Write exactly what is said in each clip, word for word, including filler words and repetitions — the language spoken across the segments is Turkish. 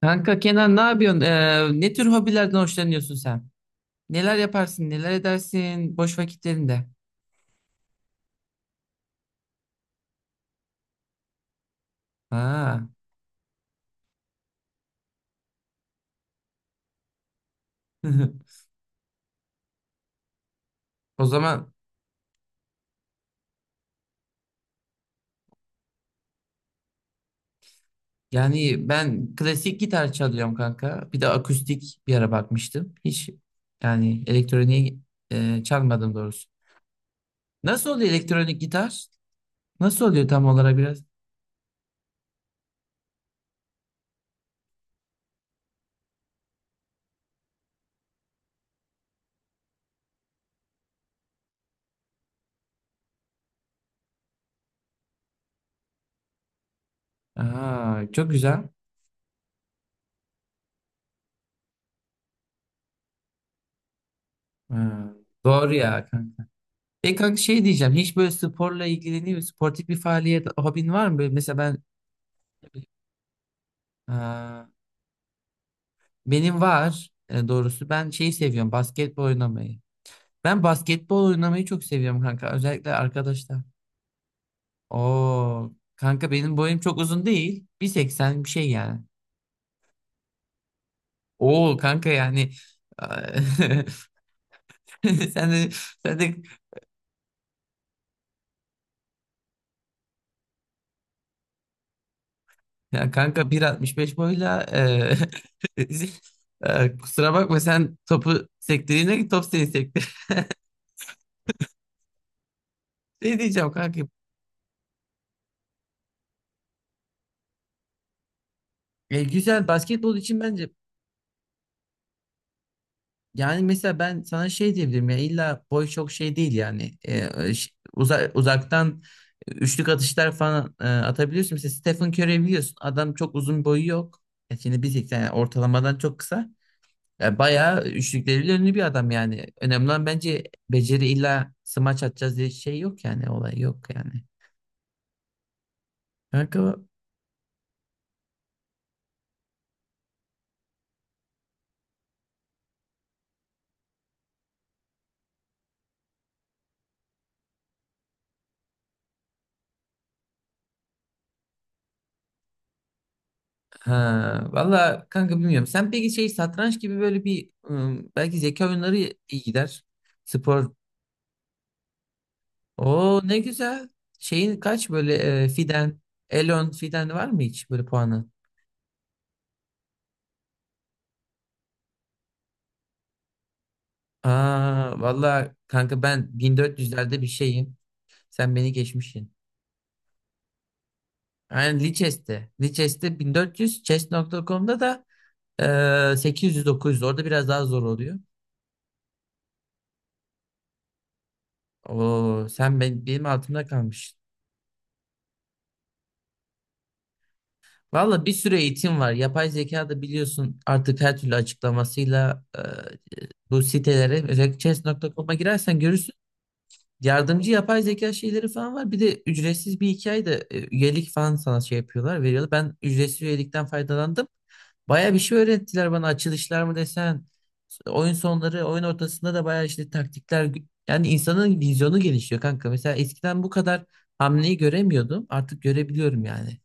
Kanka Kenan, ne yapıyorsun? Ee, ne tür hobilerden hoşlanıyorsun sen? Neler yaparsın, neler edersin boş vakitlerinde? Ha. O zaman yani ben klasik gitar çalıyorum kanka. Bir de akustik bir ara bakmıştım. Hiç yani elektroniği e, çalmadım doğrusu. Nasıl oluyor elektronik gitar? Nasıl oluyor tam olarak biraz? Aa, çok güzel. Ha, doğru ya kanka. E kanka, şey diyeceğim. Hiç böyle sporla ilgileniyor musun? Sportif bir faaliyet, hobin var mı? Böyle mesela ben. Ee, Benim var e, doğrusu. Ben şeyi seviyorum, basketbol oynamayı. Ben basketbol oynamayı çok seviyorum kanka. Özellikle arkadaşlar. Oo kanka, benim boyum çok uzun değil. bir seksen bir şey yani. Oo kanka yani sen de sen de ya kanka, bir altmış beş boyla e, e, kusura bakma, sen topu sektirdiğine ki top seni sektir. Ne diyeceğim kanka? E, güzel basketbol için bence. Yani mesela ben sana şey diyebilirim, ya illa boy çok şey değil yani. Ee, ş- uza- uzaktan üçlük atışlar falan e, atabiliyorsun. Mesela Stephen Curry'i biliyorsun, adam çok uzun boyu yok. E şimdi bir seksen yani, ortalamadan çok kısa. E, bayağı üçlükleriyle ünlü bir adam yani. Önemli olan bence beceri, illa smaç atacağız diye şey yok yani, olay yok yani. Kanka ha, valla kanka bilmiyorum. Sen peki şey, satranç gibi böyle bir, ım, belki zeka oyunları iyi gider. Spor. Oo ne güzel. Şeyin kaç böyle, e, Fiden, Elon Fiden var mı hiç böyle puanı? Aa vallahi kanka, ben bin dört yüzlerde bir şeyim. Sen beni geçmişsin. Aynen Lichess'te. Lichess'te bin dört yüz, chess nokta com'da da e, sekiz yüz dokuz yüz. Orada biraz daha zor oluyor. Oo sen ben, benim altımda kalmışsın. Valla bir sürü eğitim var. Yapay zeka da biliyorsun artık, her türlü açıklamasıyla e, bu sitelere, özellikle chess nokta com'a girersen görürsün. Yardımcı yapay zeka şeyleri falan var. Bir de ücretsiz bir hikaye de e, üyelik falan sana şey yapıyorlar, veriyorlar. Ben ücretsiz üyelikten faydalandım. Baya bir şey öğrettiler bana. Açılışlar mı desen, oyun sonları, oyun ortasında da baya işte taktikler. Yani insanın vizyonu gelişiyor kanka. Mesela eskiden bu kadar hamleyi göremiyordum. Artık görebiliyorum yani.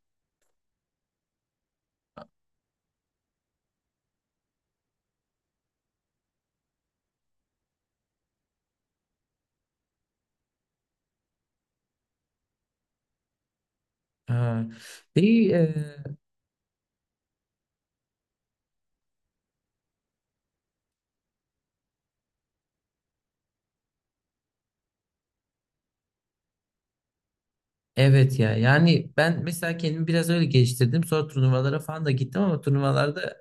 Ha. Peki, e, evet ya. Yani ben mesela kendimi biraz öyle geliştirdim. Sonra turnuvalara falan da gittim, ama turnuvalarda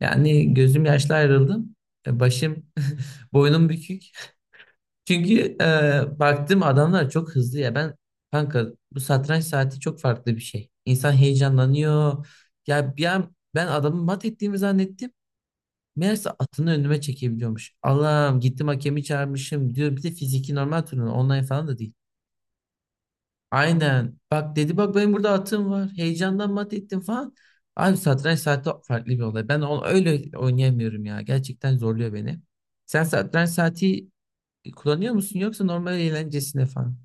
yani gözüm yaşlı ayrıldım. E, başım, boynum bükük. Çünkü e, baktım adamlar çok hızlı ya. Ben kanka, bu satranç saati çok farklı bir şey. İnsan heyecanlanıyor. Ya bir an ben adamı mat ettiğimi zannettim. Meğerse atını önüme çekebiliyormuş. Allah'ım, gittim hakemi çağırmışım diyor. Bir de fiziki normal turnuva, online falan da değil. Aynen. Bak dedi, bak benim burada atım var. Heyecandan mat ettim falan. Abi satranç saati farklı bir olay. Ben onu öyle oynayamıyorum ya. Gerçekten zorluyor beni. Sen satranç saati kullanıyor musun, yoksa normal eğlencesine falan?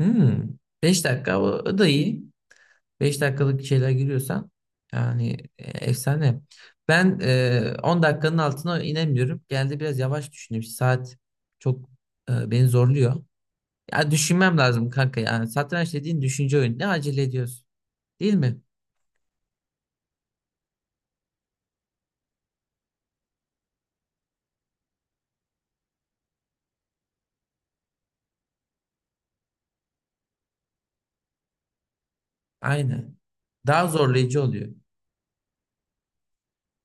Hmm. Beş dakika, o o da iyi. Beş dakikalık şeyler giriyorsan yani e, efsane. Ben e, on dakikanın altına inemiyorum. Geldi biraz yavaş düşünüyorum. Saat çok e, beni zorluyor. Ya düşünmem lazım kanka ya. Satranç dediğin düşünce oyunu. Ne acele ediyorsun? Değil mi? Aynen. Daha zorlayıcı oluyor.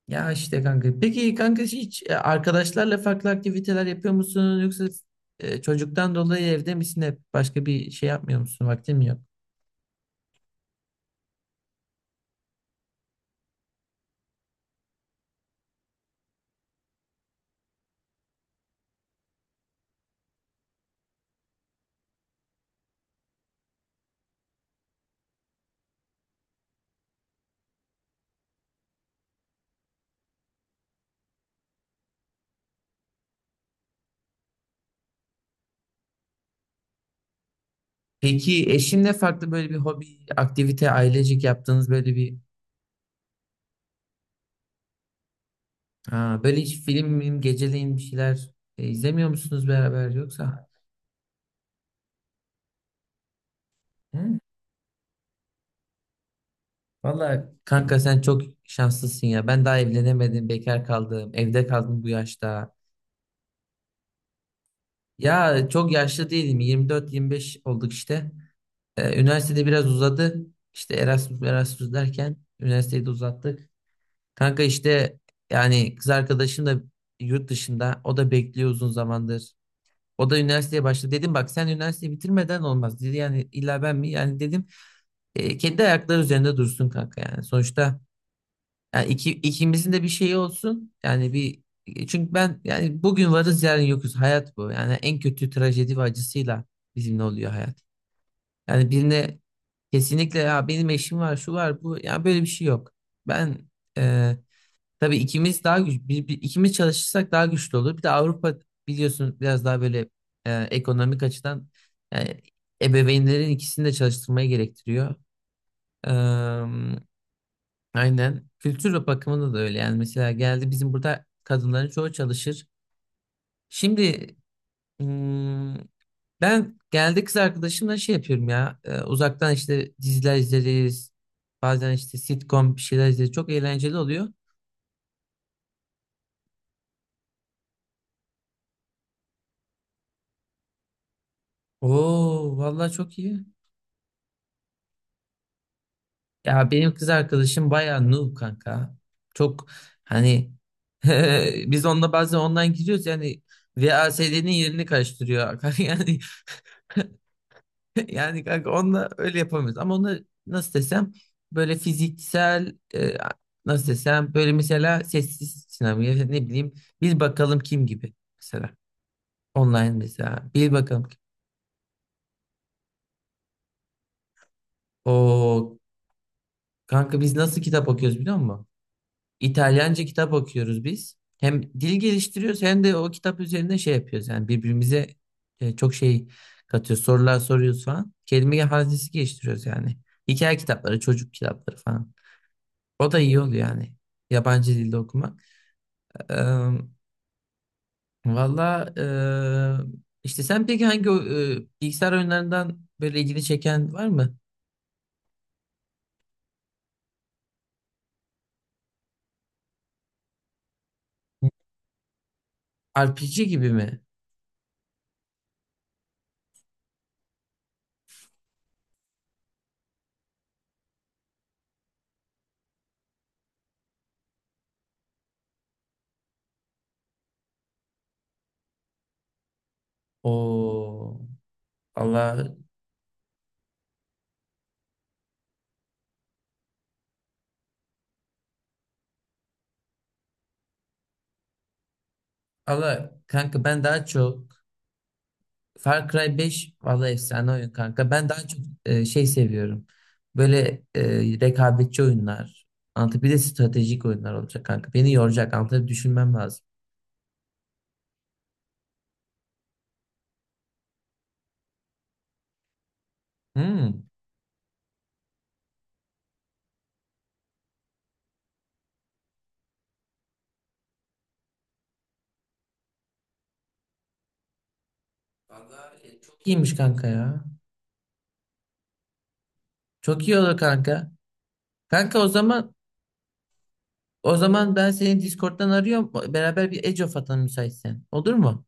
Ya işte kanka. Peki kanka, hiç e, arkadaşlarla farklı aktiviteler yapıyor musun? Yoksa e, çocuktan dolayı evde misin hep? Başka bir şey yapmıyor musun? Vaktin mi yok? Peki eşinle farklı böyle bir hobi, aktivite, ailecik yaptığınız böyle bir, ha, böyle hiç film, film geceleyin bir şeyler e, izlemiyor musunuz beraber yoksa? Hı. Vallahi kanka, sen çok şanslısın ya. Ben daha evlenemedim, bekar kaldım, evde kaldım bu yaşta. Ya çok yaşlı değilim. yirmi dört yirmi beş olduk işte. Ee, üniversitede biraz uzadı. İşte Erasmus Erasmus derken üniversiteyi de uzattık. Kanka işte yani, kız arkadaşım da yurt dışında. O da bekliyor uzun zamandır. O da üniversiteye başladı. Dedim bak, sen üniversiteyi bitirmeden olmaz dedi. Yani illa ben mi? Yani dedim e, kendi ayakları üzerinde dursun kanka yani. Sonuçta yani iki, ikimizin de bir şeyi olsun. Yani bir, çünkü ben yani, bugün varız yarın yokuz. Hayat bu. Yani en kötü trajedi ve acısıyla bizimle oluyor hayat. Yani birine kesinlikle ya benim eşim var, şu var, bu. Ya böyle bir şey yok. Ben e, tabii ikimiz daha güç, bir, bir- ikimiz çalışırsak daha güçlü olur. Bir de Avrupa biliyorsun, biraz daha böyle e, ekonomik açıdan yani, ebeveynlerin ikisini de çalıştırmayı gerektiriyor. Aynen. Kültür bakımında da öyle. Yani mesela geldi, bizim burada kadınların çoğu çalışır. Şimdi hmm, ben geldi kız arkadaşımla şey yapıyorum ya. E, uzaktan işte diziler izleriz. Bazen işte sitcom bir şeyler izleriz. Çok eğlenceli oluyor. Oo vallahi çok iyi. Ya benim kız arkadaşım bayağı noob kanka. Çok hani biz onunla bazen online giriyoruz yani, V A S D'nin yerini karıştırıyor. Yani yani kanka onunla öyle yapamıyoruz. Ama onu nasıl desem, böyle fiziksel e, nasıl desem, böyle mesela sessiz sinema ya ne bileyim, bir bakalım kim gibi mesela. Online mesela bir bakalım kim. O kanka, biz nasıl kitap okuyoruz biliyor musun? İtalyanca kitap okuyoruz biz. Hem dil geliştiriyoruz, hem de o kitap üzerinde şey yapıyoruz. Yani birbirimize e, çok şey katıyoruz. Sorular soruyoruz falan. Kelime hazinesi geliştiriyoruz yani. Hikaye kitapları, çocuk kitapları falan. O da iyi oluyor yani. Yabancı dilde okumak. Eee Valla eee, işte sen peki hangi o- eee, bilgisayar oyunlarından böyle ilgini çeken var mı? R P G gibi mi? O Allah Allah, kanka ben daha çok Far Cry beş valla efsane oyun kanka. Ben daha çok eee, şey seviyorum. Böyle eee, rekabetçi oyunlar. Anlatı, bir de stratejik oyunlar olacak kanka. Beni yoracak. Anlatı düşünmem lazım. Hmm. Vallahi e, çok iyiymiş kanka ya. Çok iyi olur kanka. Kanka o zaman, o zaman ben seni Discord'dan arıyorum. Beraber bir Age of atalım, müsaitsen. Olur mu?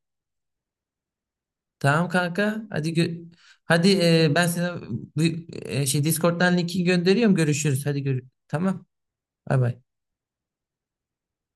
Tamam kanka. Hadi gö- hadi e, ben sana bu- e, şey Discord'dan linki gönderiyorum. Görüşürüz. Hadi gör. Tamam. Bay bay.